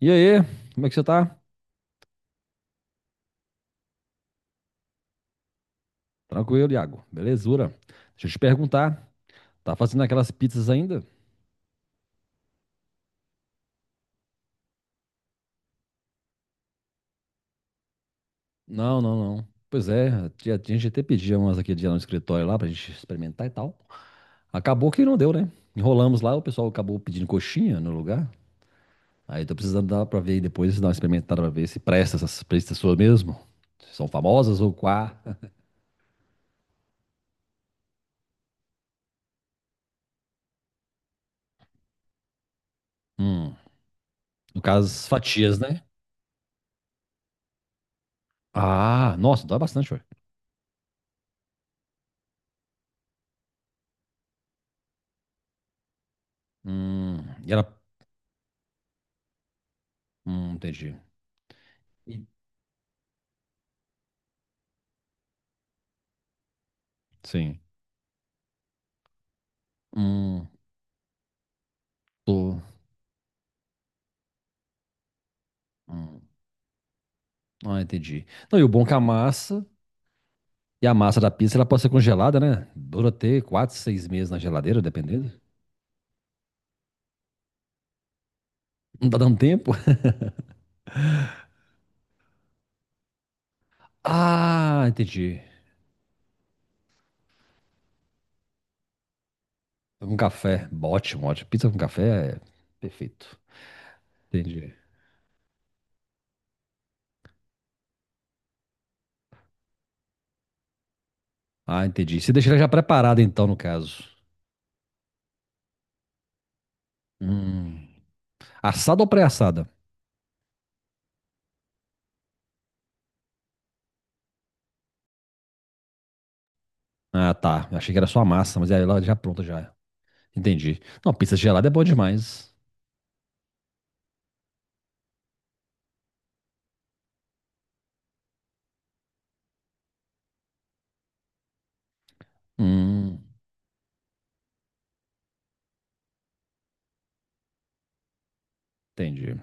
E aí, como é que você tá? Tranquilo, Iago. Belezura. Deixa eu te perguntar, tá fazendo aquelas pizzas ainda? Não, não, não. Pois é, a gente até pedia umas aquele dia no escritório lá pra gente experimentar e tal. Acabou que não deu, né? Enrolamos lá, o pessoal acabou pedindo coxinha no lugar. Aí tô precisando dar pra ver aí depois, dar uma experimentada pra ver se presta essas pizzas suas mesmo. Se são famosas ou quá. Hum, no caso, as fatias, né? Ah, nossa, dói bastante, ué. Hum, e ela. Entendi. E- Sim. Hum, tô. Hum. Ah, entendi. Não, e o bom é que a massa da pizza, ela pode ser congelada, né? Dura até quatro, seis meses na geladeira, dependendo. Não tá dando tempo. Ah, entendi. Então, com café. Ótimo, ótimo. Pizza com café é perfeito. Entendi. Ah, entendi. Você deixa ela já preparada, então, no caso. Hum. Assada ou pré-assada? Ah, tá. Eu achei que era só a massa, mas aí ela já pronta já. Entendi. Não, pizza gelada é boa demais. Hum, entendi.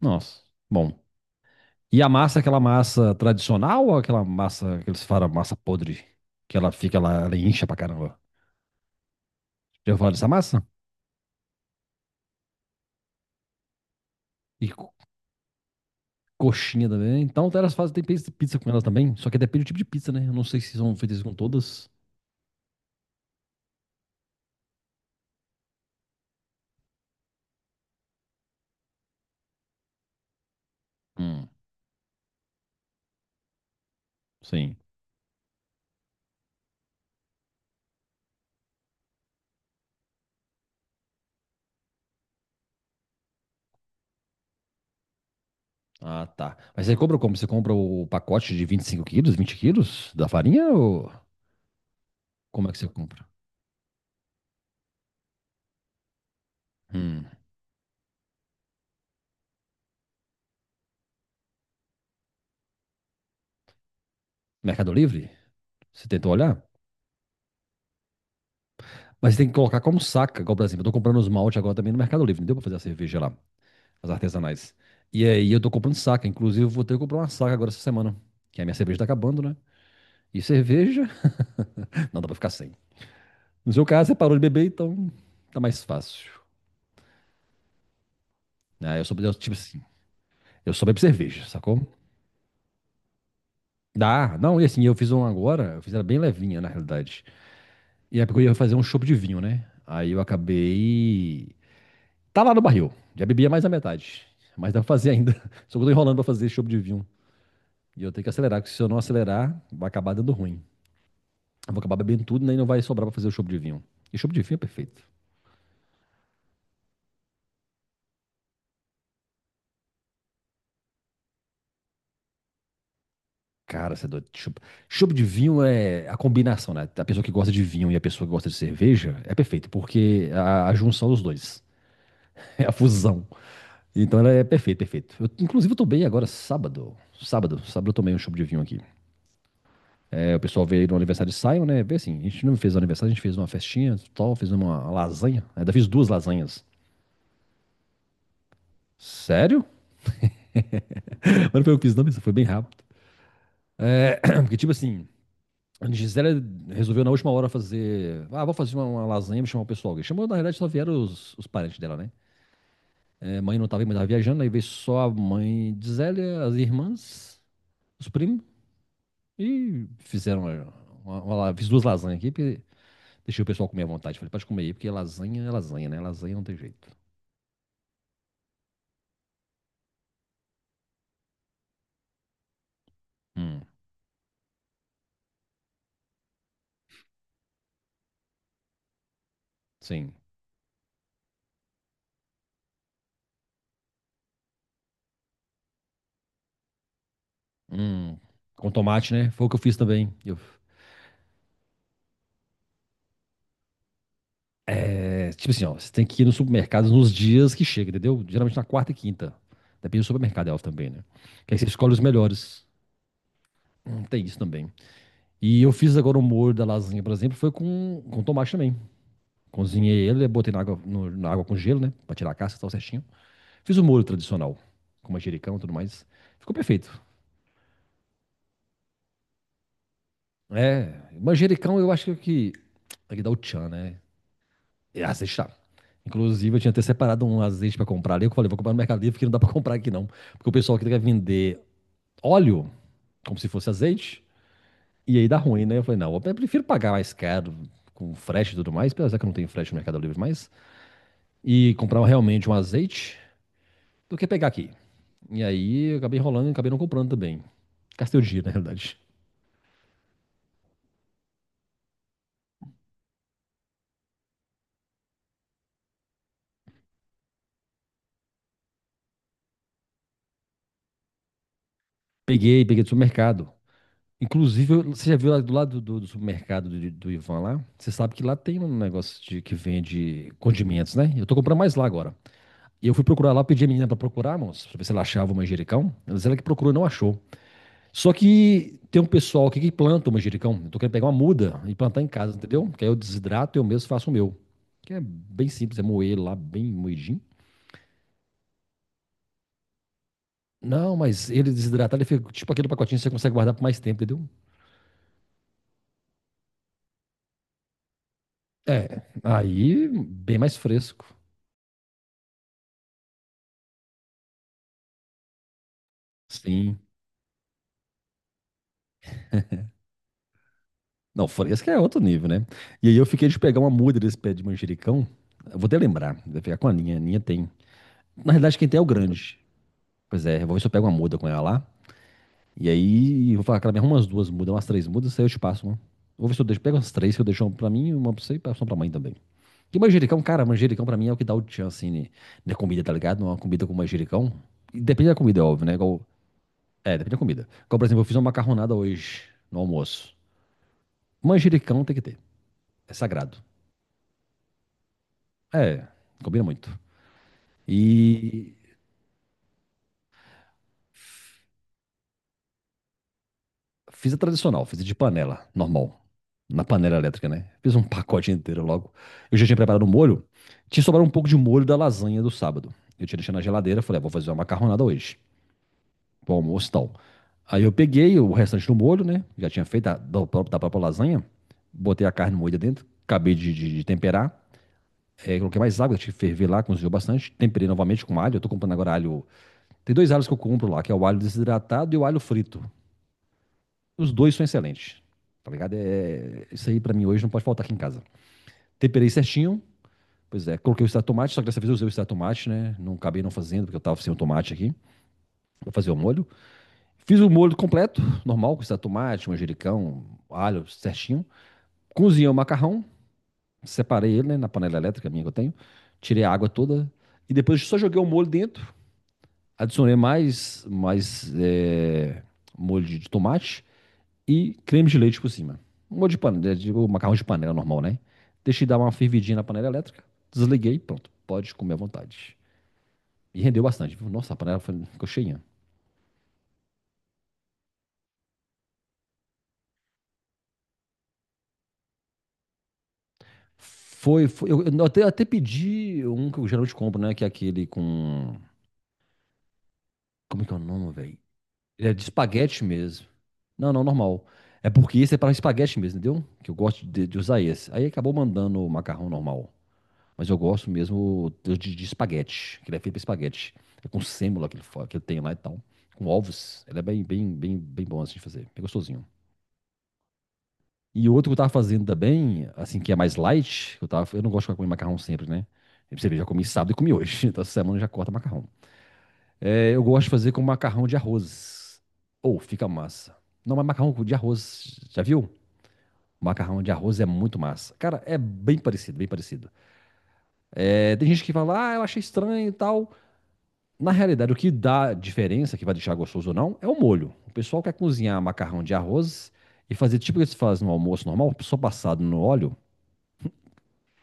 Nossa. Bom. E a massa é aquela massa tradicional ou aquela massa que eles falam, massa podre? Que ela fica lá, ela incha pra caramba. Já falar dessa massa? E coxinha também. Então, elas fazem, tem pizza com elas também. Só que depende do tipo de pizza, né? Eu não sei se são feitas com todas. Hum, sim. Ah, tá. Mas você compra como? Você compra o pacote de 25 quilos, 20 quilos da farinha ou como é que você compra? Hum. Mercado Livre? Você tentou olhar? Mas você tem que colocar como saca, igual, por exemplo, eu tô comprando os malte agora também no Mercado Livre, não deu pra fazer a cerveja lá. As artesanais. E aí eu tô comprando saca. Inclusive, eu vou ter que comprar uma saca agora essa semana. Que a minha cerveja tá acabando, né? E cerveja. Não dá pra ficar sem. No seu caso, você parou de beber, então tá mais fácil. Ah, eu sou eu, tipo assim. Eu só bebo cerveja, sacou? Dá. Não, e assim, eu fiz uma agora. Eu fiz ela bem levinha, na realidade. E é porque eu ia fazer um chopp de vinho, né? Aí eu acabei. Tá lá no barril. Já bebia mais da metade. Mas dá pra fazer ainda. Só que eu tô enrolando pra fazer chopp de vinho. E eu tenho que acelerar, porque se eu não acelerar, vai acabar dando ruim. Eu vou acabar bebendo tudo, né? E não vai sobrar pra fazer o chopp de vinho. E chopp de vinho é perfeito. Cara, você é doido. Chopp de vinho é a combinação, né? A pessoa que gosta de vinho e a pessoa que gosta de cerveja é perfeito, porque a junção dos dois. É a fusão. Então ela é perfeita, perfeito. Eu, inclusive, eu tomei agora sábado. Sábado eu tomei um chopp de vinho aqui. É, o pessoal veio no aniversário de Simon, né? Vê assim, a gente não fez um aniversário, a gente fez uma festinha tal, fez uma lasanha. Ainda fiz duas lasanhas. Sério? Mas não foi eu que fiz, não, mas foi bem rápido. Porque, tipo assim, a Gisele resolveu na última hora fazer. Ah, vou fazer uma lasanha, vou chamar o pessoal. Chamou, na realidade, só vieram os parentes dela, né? É, mãe não tava, mãe tava viajando, aí veio só a mãe de Zélia, as irmãs, os primos, e fizeram uma fiz duas lasanhas aqui, porque deixei o pessoal comer à vontade. Falei, pode comer aí, porque lasanha é lasanha, né? Lasanha não tem jeito. Hum, sim. Hum, com tomate, né? Foi o que eu fiz também. Eu é, tipo assim, ó, você tem que ir no supermercado nos dias que chega, entendeu? Geralmente na quarta e quinta. Depende do supermercado, é óbvio também, né? Que aí você escolhe os melhores. Tem isso também. E eu fiz agora o molho da lasanha, por exemplo, foi com, tomate também. Cozinhei ele, né, botei na água, na água com gelo, né? Pra tirar a casca e tal certinho. Fiz o molho tradicional, com manjericão e tudo mais. Ficou perfeito. É, manjericão eu acho que é o que é que dá o tchan, né? É azeite tá. Inclusive, eu tinha até separado um azeite pra comprar ali. Eu falei, vou comprar no Mercado Livre, porque não dá pra comprar aqui não. Porque o pessoal aqui quer vender óleo, como se fosse azeite, e aí dá ruim, né? Eu falei, não, eu prefiro pagar mais caro, com frete e tudo mais, apesar que eu não tenho frete no Mercado Livre mais, e comprar realmente um azeite, do que pegar aqui. E aí, eu acabei enrolando e acabei não comprando também. Gastei o dinheiro, na realidade. Peguei, peguei do supermercado. Inclusive, você já viu lá do lado do, do, supermercado do Ivan lá? Você sabe que lá tem um negócio de, que vende condimentos, né? Eu tô comprando mais lá agora. E eu fui procurar lá, pedi a menina pra procurar, moço, pra ver se ela achava o manjericão. Ela disse ela que procurou e não achou. Só que tem um pessoal aqui que planta o manjericão. Eu tô querendo pegar uma muda e plantar em casa, entendeu? Que aí eu desidrato e eu mesmo faço o meu. Que é bem simples, é moer ele lá, bem moidinho. Não, mas ele desidratado, ele fica tipo aquele pacotinho que você consegue guardar por mais tempo, entendeu? É, aí bem mais fresco. Sim. Não, fresca é outro nível, né? E aí eu fiquei de pegar uma muda desse pé de manjericão. Eu vou até lembrar, vou pegar com a Ninha. A Ninha tem. Na realidade, quem tem é o grande. Pois é, eu vou ver se eu pego uma muda com ela lá. E aí eu vou falar, cara, me arruma umas duas mudas, umas três mudas, aí eu te passo uma. Vou ver se eu deixo, pego umas três que eu deixo uma pra mim, uma pra você e passo uma pra mãe também. Que manjericão, cara, manjericão pra mim é o que dá o tchan, assim, né, na comida, tá ligado? Uma comida com manjericão. E depende da comida, é óbvio, né? Igual, é, depende da comida. Igual, por exemplo, eu fiz uma macarronada hoje, no almoço. Manjericão tem que ter. É sagrado. É, combina muito. E fiz a tradicional, fiz a de panela, normal. Na panela elétrica, né? Fiz um pacote inteiro logo. Eu já tinha preparado o molho. Tinha sobrado um pouco de molho da lasanha do sábado. Eu tinha deixado na geladeira, falei, ah, vou fazer uma macarronada hoje, pro almoço e tal. Aí eu peguei o restante do molho, né? Já tinha feito da própria lasanha. Botei a carne moída dentro, acabei de temperar. É, coloquei mais água, tive que ferver lá, cozinhou bastante. Temperei novamente com alho. Eu tô comprando agora alho. Tem dois alhos que eu compro lá, que é o alho desidratado e o alho frito. Os dois são excelentes. Tá ligado? Isso aí pra mim hoje não pode faltar aqui em casa. Temperei certinho. Pois é, coloquei o extrato de tomate, só que dessa vez eu usei o extrato de tomate, né? Não acabei não fazendo, porque eu tava sem o tomate aqui. Vou fazer o molho. Fiz o molho completo, normal, com extrato de tomate, manjericão, alho, certinho. Cozinhei o macarrão, separei ele, né, na panela elétrica minha que eu tenho. Tirei a água toda. E depois só joguei o molho dentro. Adicionei mais molho de tomate e creme de leite por cima. Um molho de panela, digo, macarrão de panela normal, né? Deixei dar uma fervidinha na panela elétrica, desliguei, pronto, pode comer à vontade. E rendeu bastante, viu? Nossa, a panela ficou cheinha. Foi eu, até pedi um que eu geralmente compro, né? Que é aquele com. Como é que é o nome, velho? Ele é de espaguete mesmo. Não, não, normal. É porque esse é para espaguete mesmo, entendeu? Que eu gosto de usar esse. Aí acabou mandando o macarrão normal. Mas eu gosto mesmo de espaguete, que ele é feito pra espaguete. É com sêmola que ele, que ele tem lá e tal. Com ovos. Ele é bem, bem, bem, bem bom assim de fazer. É gostosinho. E outro que eu tava fazendo também, assim, que é mais light, eu não gosto de comer macarrão sempre, né? E pra você vê, já comi sábado e comi hoje. Então essa semana eu já corta macarrão. É, eu gosto de fazer com macarrão de arroz. Ou fica massa. Não, mas macarrão de arroz, já viu? Macarrão de arroz é muito massa. Cara, é bem parecido, bem parecido. É, tem gente que fala, ah, eu achei estranho e tal. Na realidade, o que dá diferença, que vai deixar gostoso ou não, é o molho. O pessoal quer cozinhar macarrão de arroz e fazer tipo o que se faz no almoço normal, só passado no óleo,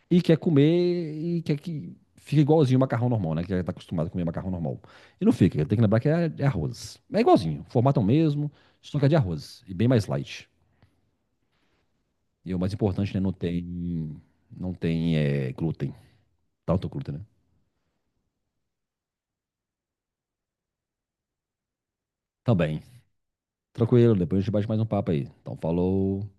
e quer comer e quer que fique igualzinho o macarrão normal, né? Que já está acostumado a comer macarrão normal. E não fica, tem que lembrar que é arroz. É igualzinho, o formato é o mesmo, só que é de arroz, e bem mais light. E o mais importante, né? Não tem glúten, tanto glúten, né? Também. Tranquilo, depois a gente bate mais um papo aí. Então, falou.